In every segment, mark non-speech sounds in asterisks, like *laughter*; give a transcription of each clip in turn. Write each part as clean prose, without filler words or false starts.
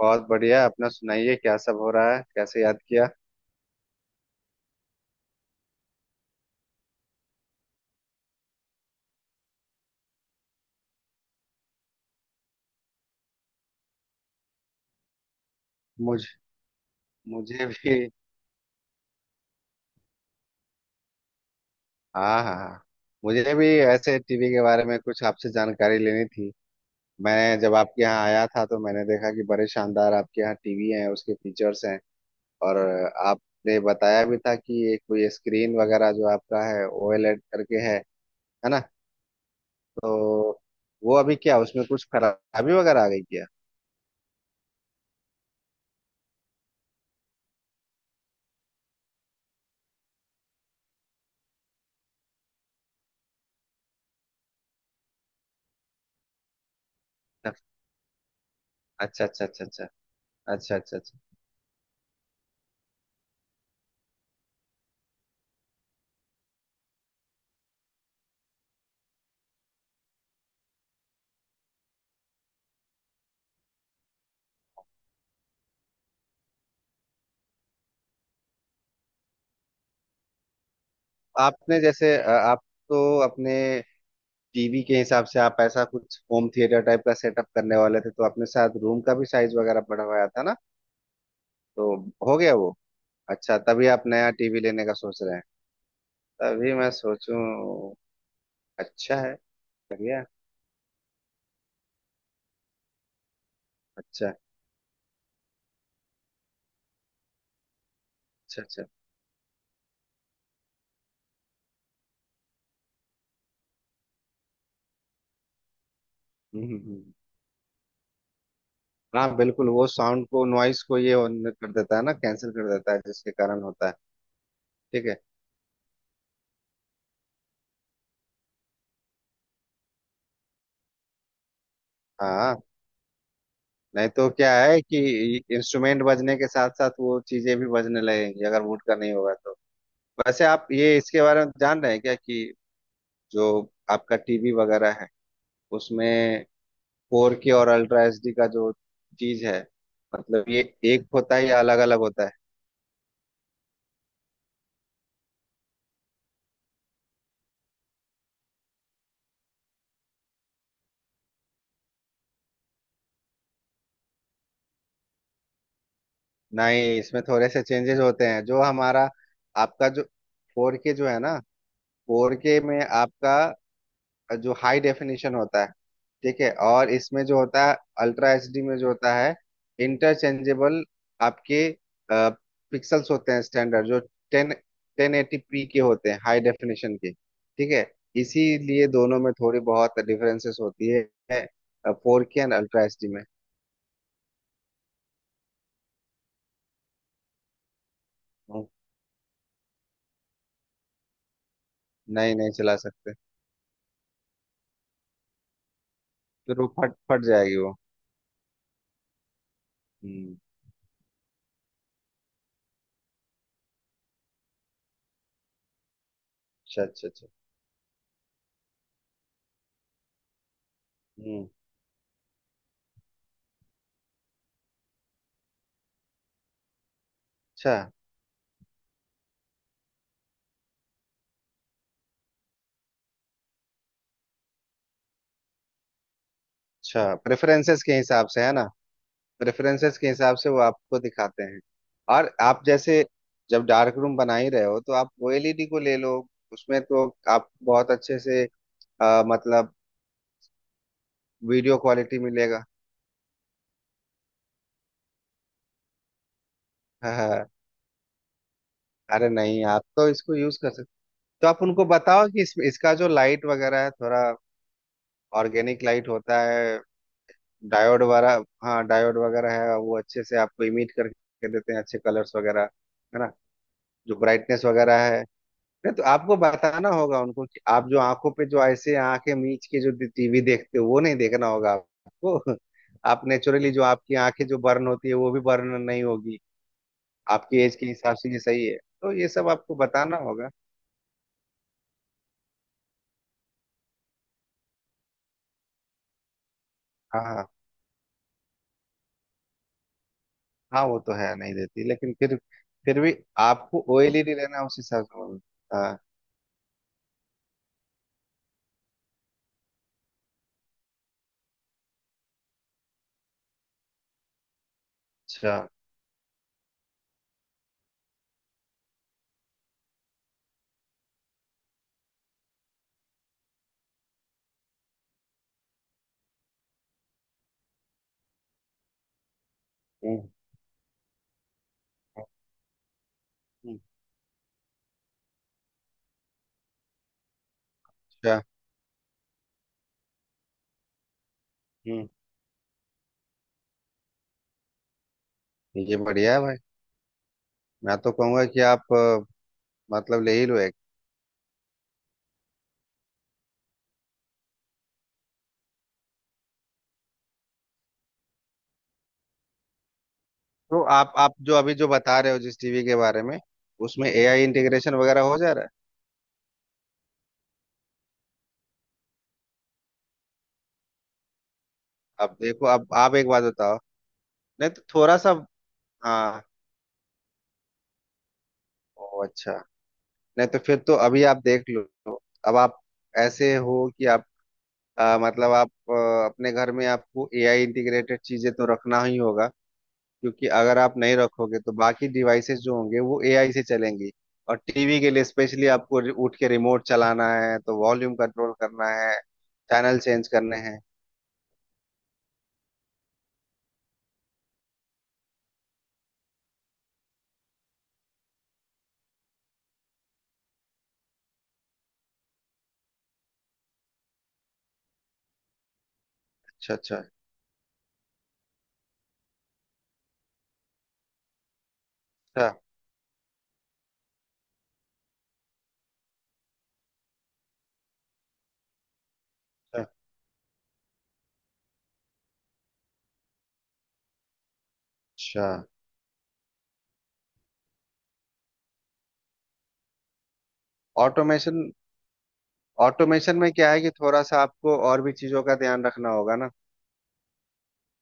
बहुत बढ़िया। अपना सुनाइए, क्या सब हो रहा है? कैसे याद किया? मुझ मुझे भी हाँ हाँ हाँ। मुझे भी ऐसे टीवी के बारे में कुछ आपसे जानकारी लेनी थी। मैं जब आपके यहाँ आया था तो मैंने देखा कि बड़े शानदार आपके यहाँ टीवी है, उसके फीचर्स हैं। और आपने बताया भी था कि ये कोई स्क्रीन वगैरह जो आपका है ओएलईडी करके है ना? तो वो अभी क्या, उसमें कुछ खराबी वगैरह आ गई क्या? अच्छा अच्छा अच्छा अच्छा। अच्छा अच्छा अच्छा अच्छा। आपने जैसे आप तो अपने टीवी के हिसाब से आप ऐसा कुछ होम थिएटर टाइप का सेटअप करने वाले थे, तो अपने साथ रूम का भी साइज वगैरह बढ़वाया था ना? तो हो गया वो? अच्छा, तभी आप नया टीवी लेने का सोच रहे हैं। तभी मैं सोचूं। अच्छा है। बढ़िया। अच्छा अच्छा। अच्छा। हम्म हम्म, हम्म। हाँ बिल्कुल, वो साउंड को नॉइस को ये on कर देता है ना, कैंसिल कर देता है, जिसके कारण होता है। ठीक है। हाँ, नहीं तो क्या है कि इंस्ट्रूमेंट बजने के साथ साथ वो चीजें भी बजने लगेंगी अगर वुड का नहीं होगा तो। वैसे आप ये इसके बारे में जान रहे हैं क्या कि जो आपका टीवी वगैरह है, उसमें फोर के और अल्ट्रा एचडी का जो चीज है, मतलब ये एक होता है या अलग अलग होता है? नहीं, इसमें थोड़े से चेंजेस होते हैं। जो हमारा आपका जो फोर के जो है ना, फोर के में आपका जो हाई डेफिनेशन होता है, ठीक है, और इसमें जो होता है अल्ट्रा एचडी में जो होता है इंटरचेंजेबल आपके पिक्सल्स होते हैं। स्टैंडर्ड जो टेन टेन एटी पी के होते हैं हाई डेफिनेशन के, ठीक है। इसीलिए दोनों में थोड़ी बहुत डिफरेंसेस होती है four K and ultra HD में। हम्म, नहीं नहीं चला सकते। फिर वो फट फट जाएगी वो। हम्म। अच्छा अच्छा अच्छा। हम्म। अच्छा अच्छा। प्रेफरेंसेस के हिसाब से है ना? प्रेफरेंसेस के हिसाब से वो आपको दिखाते हैं। और आप जैसे जब डार्क रूम बना ही रहे हो तो आप ओएलईडी को ले लो, उसमें तो आप बहुत अच्छे से मतलब वीडियो क्वालिटी मिलेगा। *laughs* अरे नहीं, आप तो इसको यूज कर सकते। तो आप उनको बताओ कि इसका जो लाइट वगैरह है थोड़ा ऑर्गेनिक लाइट होता है, डायोड वगैरह। हाँ, डायोड वगैरह है, वो अच्छे से आपको इमिट करके देते हैं अच्छे कलर्स वगैरह, है ना? जो ब्राइटनेस वगैरह है, नहीं तो आपको बताना होगा उनको कि आप जो आंखों पे जो ऐसे आंखें मीच के जो टीवी देखते हो वो नहीं देखना होगा आपको। *laughs* आप नेचुरली जो आपकी आंखें जो बर्न होती है वो भी बर्न नहीं होगी। आपकी एज के हिसाब से ये सही है, तो ये सब आपको बताना होगा। हाँ हाँ। हाँ, वो तो है नहीं देती, लेकिन फिर भी आपको ऑयली नहीं रहना उस हिसाब से होगा। हाँ, अच्छा। हम्म हम्म, अच्छा। हम्म, ये बढ़िया है भाई। मैं तो कहूंगा कि आप मतलब ले ही लो। तो आप जो अभी जो बता रहे हो जिस टीवी के बारे में, उसमें एआई इंटीग्रेशन वगैरह हो जा रहा है। अब देखो, अब आप एक बात बताओ। नहीं तो थोड़ा सा। हाँ। ओ अच्छा। नहीं तो फिर तो अभी आप देख लो। अब आप ऐसे हो कि आप मतलब आप अपने घर में आपको एआई इंटीग्रेटेड चीजें तो रखना ही होगा, क्योंकि अगर आप नहीं रखोगे तो बाकी डिवाइसेस जो होंगे वो एआई से चलेंगी। और टीवी के लिए स्पेशली आपको उठ के रिमोट चलाना है, तो वॉल्यूम कंट्रोल करना है, चैनल चेंज करने हैं। अच्छा अच्छा। अच्छा अच्छा। ऑटोमेशन। ऑटोमेशन में क्या है कि थोड़ा सा आपको और भी चीजों का ध्यान रखना होगा ना।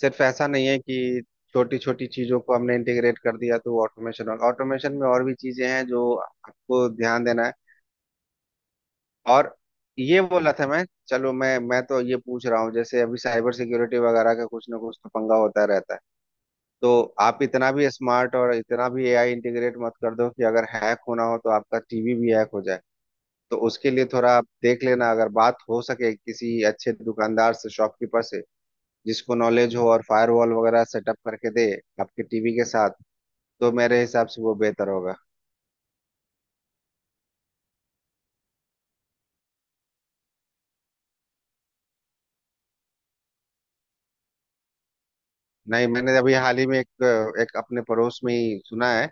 सिर्फ ऐसा नहीं है कि छोटी छोटी चीजों को हमने इंटीग्रेट कर दिया तो ऑटोमेशन होगा। ऑटोमेशन में और भी चीजें हैं जो आपको ध्यान देना है। और ये बोला था मैं। चलो, मैं तो ये पूछ रहा हूँ जैसे अभी साइबर सिक्योरिटी वगैरह का कुछ ना कुछ तो पंगा होता रहता है, तो आप इतना भी स्मार्ट और इतना भी एआई इंटीग्रेट मत कर दो कि अगर हैक होना हो तो आपका टीवी भी हैक हो जाए। तो उसके लिए थोड़ा आप देख लेना, अगर बात हो सके किसी अच्छे दुकानदार से, शॉपकीपर से, जिसको नॉलेज हो और फायरवॉल वगैरह सेटअप करके दे आपके टीवी के साथ, तो मेरे हिसाब से वो बेहतर होगा। नहीं, मैंने अभी हाल ही में एक एक अपने पड़ोस में ही सुना है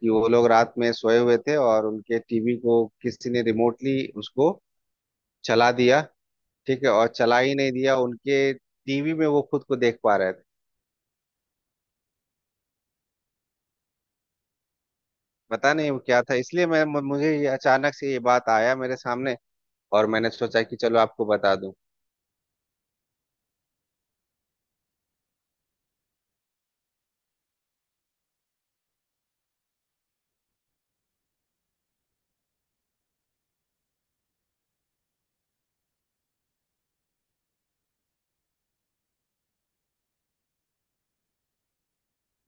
कि वो लोग रात में सोए हुए थे और उनके टीवी को किसी ने रिमोटली उसको चला दिया। ठीक है, और चला ही नहीं दिया, उनके टीवी में वो खुद को देख पा रहे थे। पता नहीं वो क्या था, इसलिए मैं मुझे ये अचानक से ये बात आया मेरे सामने। और मैंने सोचा कि चलो आपको बता दूं।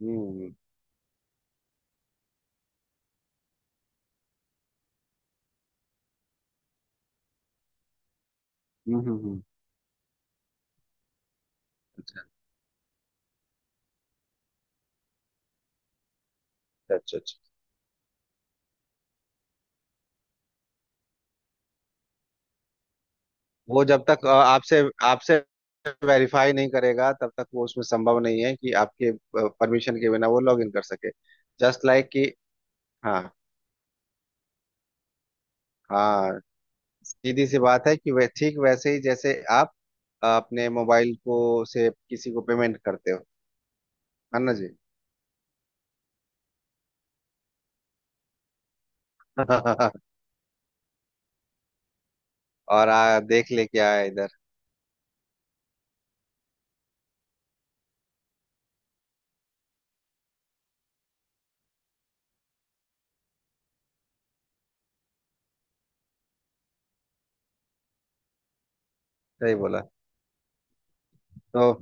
हम्म हम्म। अच्छा अच्छा। वो जब तक आपसे आपसे वेरीफाई नहीं करेगा तब तक वो उसमें संभव नहीं है कि आपके परमिशन के बिना वो लॉग इन कर सके। जस्ट like कि, हाँ हाँ, सीधी सी बात है कि वे ठीक वैसे ही जैसे आप अपने मोबाइल को से किसी को पेमेंट करते हो, है ना जी? *laughs* और देख ले क्या है इधर। सही बोला। तो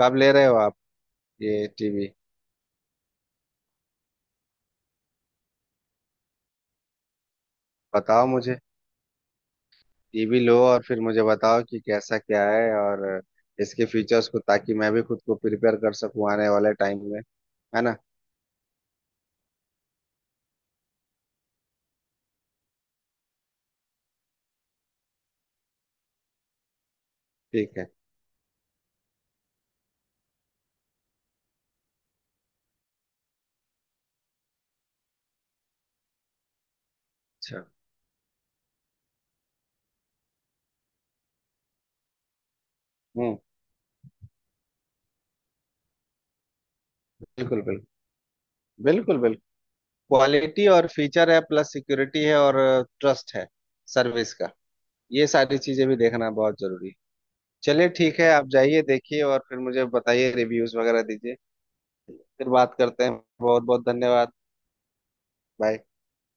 कब ले रहे हो आप ये टीवी? बताओ मुझे। ये भी लो और फिर मुझे बताओ कि कैसा क्या है और इसके फीचर्स, को ताकि मैं भी खुद को प्रिपेयर कर सकूं आने वाले टाइम में, है ना? ठीक है। अच्छा। हम्म। बिल्कुल बिल्कुल। बिल्कुल बिल्कुल। क्वालिटी और फीचर है, प्लस सिक्योरिटी है और ट्रस्ट है सर्विस का। ये सारी चीजें भी देखना बहुत जरूरी है। चलिए ठीक है, आप जाइए देखिए और फिर मुझे बताइए, रिव्यूज वगैरह दीजिए। फिर बात करते हैं। बहुत बहुत धन्यवाद। बाय।